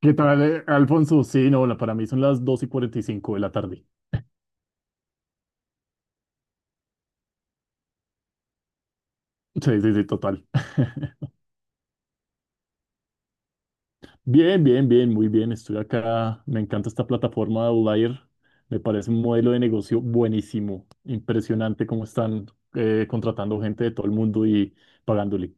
¿Qué tal, Alfonso? Sí, no, para mí son las 2:45 de la tarde. Sí, sí, sí, total. Bien, bien, bien, muy bien. Estoy acá. Me encanta esta plataforma de Outlier. Me parece un modelo de negocio buenísimo. Impresionante cómo están contratando gente de todo el mundo y pagándole.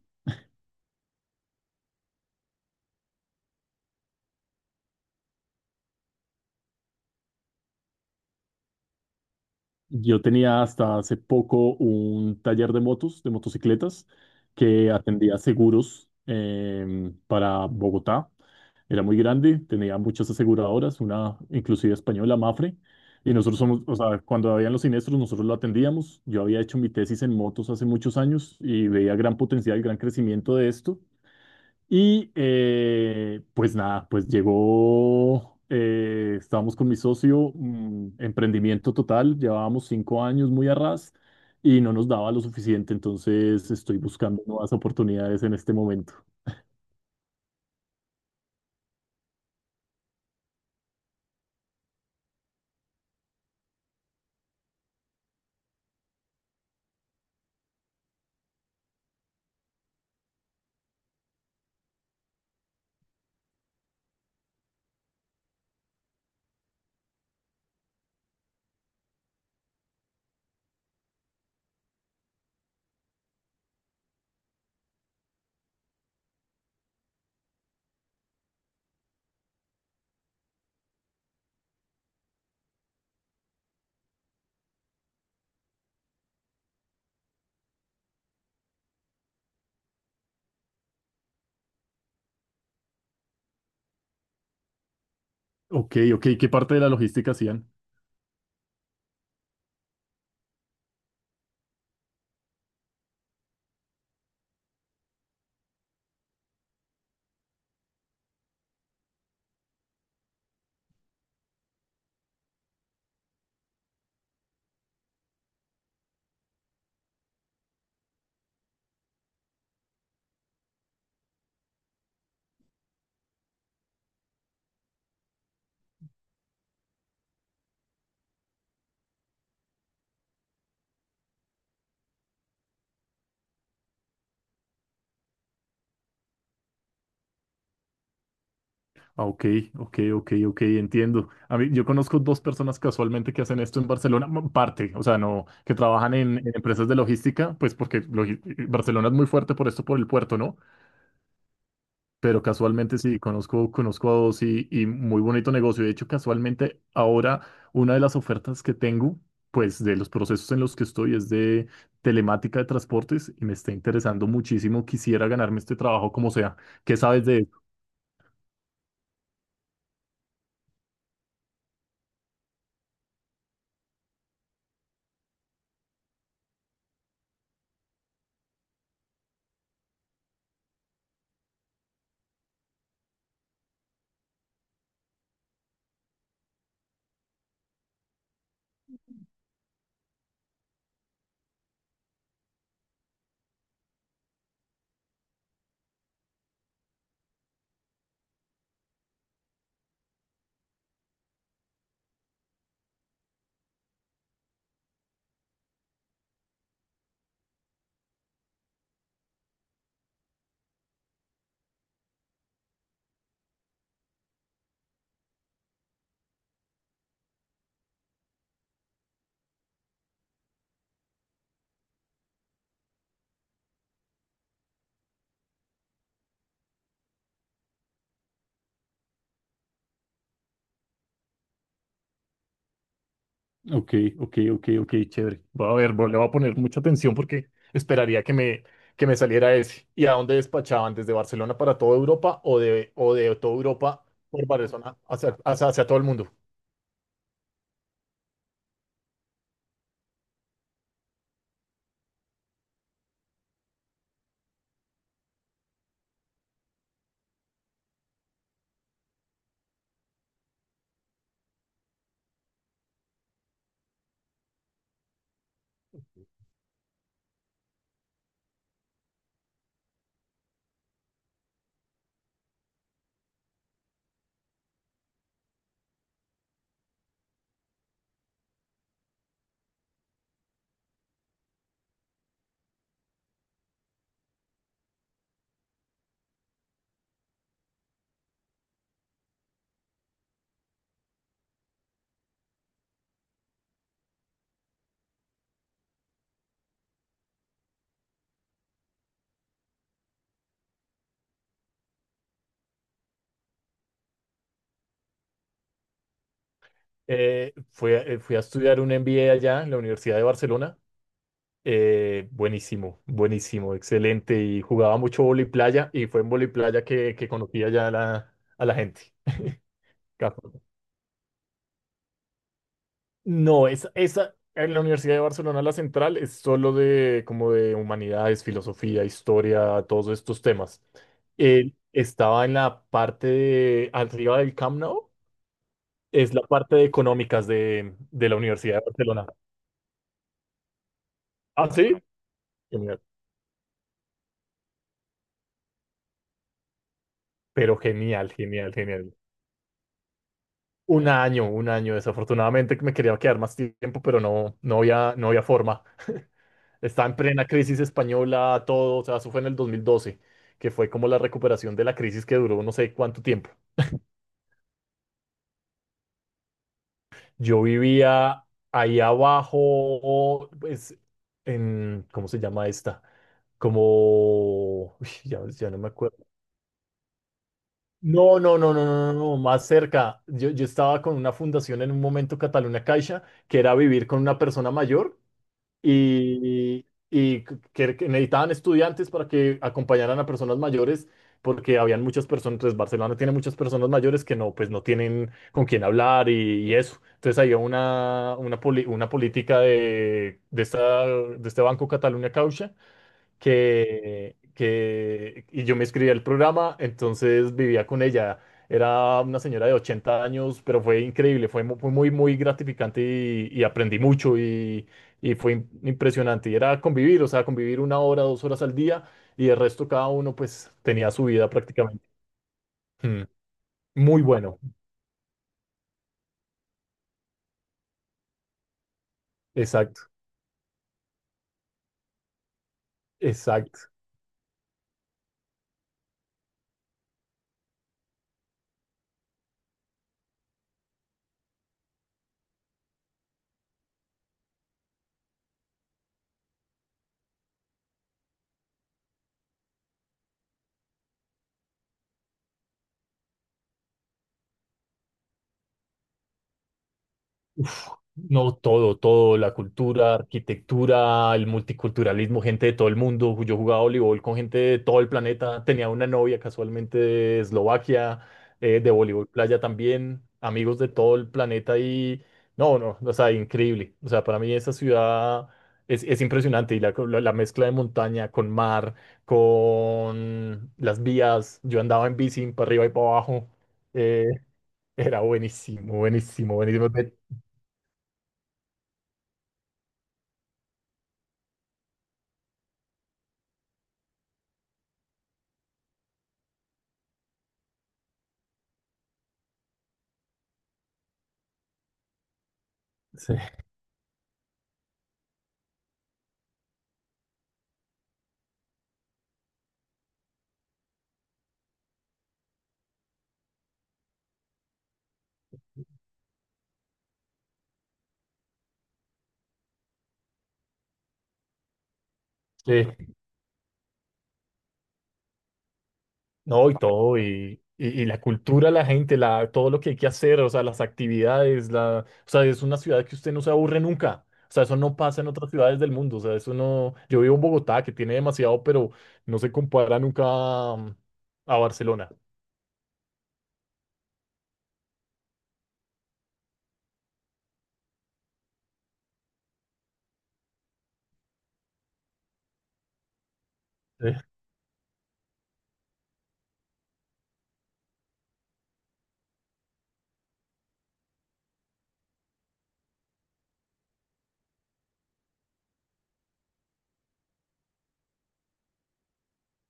Yo tenía hasta hace poco un taller de motos, de motocicletas, que atendía seguros para Bogotá. Era muy grande, tenía muchas aseguradoras, una inclusive española, Mafre, y nosotros somos, o sea, cuando habían los siniestros, nosotros lo atendíamos. Yo había hecho mi tesis en motos hace muchos años y veía gran potencial, gran crecimiento de esto. Y pues nada, pues llegó, estábamos con mi socio, emprendimiento total, llevábamos 5 años muy a ras y no nos daba lo suficiente, entonces estoy buscando nuevas oportunidades en este momento. Ok, ok, ¿qué parte de la logística hacían? Ah, ok, ok, ok, ok, entiendo. A mí, yo conozco dos personas casualmente que hacen esto en Barcelona, parte, o sea, no, que trabajan en empresas de logística, pues porque Barcelona es muy fuerte por esto, por el puerto, ¿no? Pero casualmente sí, conozco, conozco a dos y muy bonito negocio. De hecho, casualmente ahora una de las ofertas que tengo, pues de los procesos en los que estoy es de telemática de transportes y me está interesando muchísimo. Quisiera ganarme este trabajo como sea. ¿Qué sabes de eso? Ok, ok, ok, ok, chévere. Voy a ver, le voy a poner mucha atención porque esperaría que me saliera ese. ¿Y a dónde despachaban? ¿Desde Barcelona para toda Europa o de toda Europa por Barcelona hacia, hacia hacia todo el mundo? Fui a estudiar un MBA allá en la Universidad de Barcelona. Buenísimo, buenísimo, excelente. Y jugaba mucho vóley playa y fue en vóley playa que conocí allá a la gente. Capo. No, esa en la Universidad de Barcelona, la central, es solo de como de humanidades, filosofía, historia, todos estos temas. Él estaba en la parte de arriba del Camp Nou, es la parte de económicas de la Universidad de Barcelona. Ah, sí. Genial. Pero genial, genial, genial. Un año, un año. Desafortunadamente me quería quedar más tiempo, pero no, no había, no había forma. Está en plena crisis española, todo. O sea, eso fue en el 2012 que fue como la recuperación de la crisis que duró no sé cuánto tiempo. Yo vivía ahí abajo, pues, en, ¿cómo se llama esta? Como, uy, ya, ya no me acuerdo. No, no, no, no, no, no, no, más cerca. Yo estaba con una fundación en un momento, Cataluña Caixa, que era vivir con una persona mayor y que necesitaban estudiantes para que acompañaran a personas mayores, porque habían muchas personas, pues Barcelona tiene muchas personas mayores que no, pues no tienen con quién hablar y eso. Entonces había una, una política de, esta, de este Banco Cataluña Caixa que y yo me inscribí al programa, entonces vivía con ella. Era una señora de 80 años, pero fue increíble, fue, fue muy, muy gratificante y aprendí mucho y fue impresionante. Y era convivir, o sea, convivir 1 hora, 2 horas al día y el resto cada uno pues tenía su vida prácticamente. Mm. Muy bueno. Exacto, exacto. No, todo, todo, la cultura, arquitectura, el multiculturalismo, gente de todo el mundo. Yo jugaba voleibol con gente de todo el planeta. Tenía una novia casualmente de Eslovaquia, de voleibol playa también, amigos de todo el planeta y no, no, o sea, increíble. O sea, para mí esa ciudad es impresionante y la, la mezcla de montaña con mar, con las vías. Yo andaba en bici para arriba y para abajo. eh, Era buenísimo, buenísimo, buenísimo. Ve- Sí. Sí, no, y todo, y la cultura, la gente, la, todo lo que hay que hacer, o sea, las actividades, la, o sea, es una ciudad que usted no se aburre nunca. O sea, eso no pasa en otras ciudades del mundo. O sea, eso no. Yo vivo en Bogotá, que tiene demasiado, pero no se compara nunca mm, a Barcelona. Sí.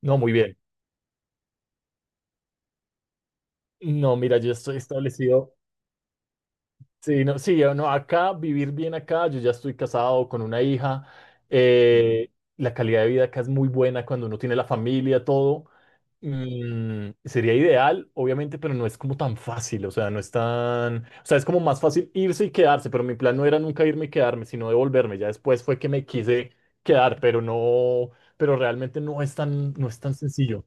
No, muy bien. No, mira, yo estoy establecido. Sí, no, sí, yo no, acá, vivir bien acá, yo ya estoy casado con una hija, la calidad de vida acá es muy buena cuando uno tiene la familia, todo, sería ideal, obviamente, pero no es como tan fácil, o sea, no es tan, o sea, es como más fácil irse y quedarse, pero mi plan no era nunca irme y quedarme, sino devolverme, ya después fue que me quise quedar, pero no, pero realmente no es tan, no es tan sencillo.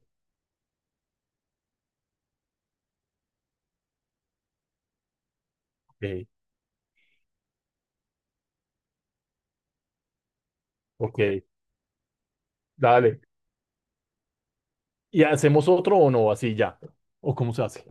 Ok, ok, dale, ¿y hacemos otro o no, así ya? ¿O cómo se hace?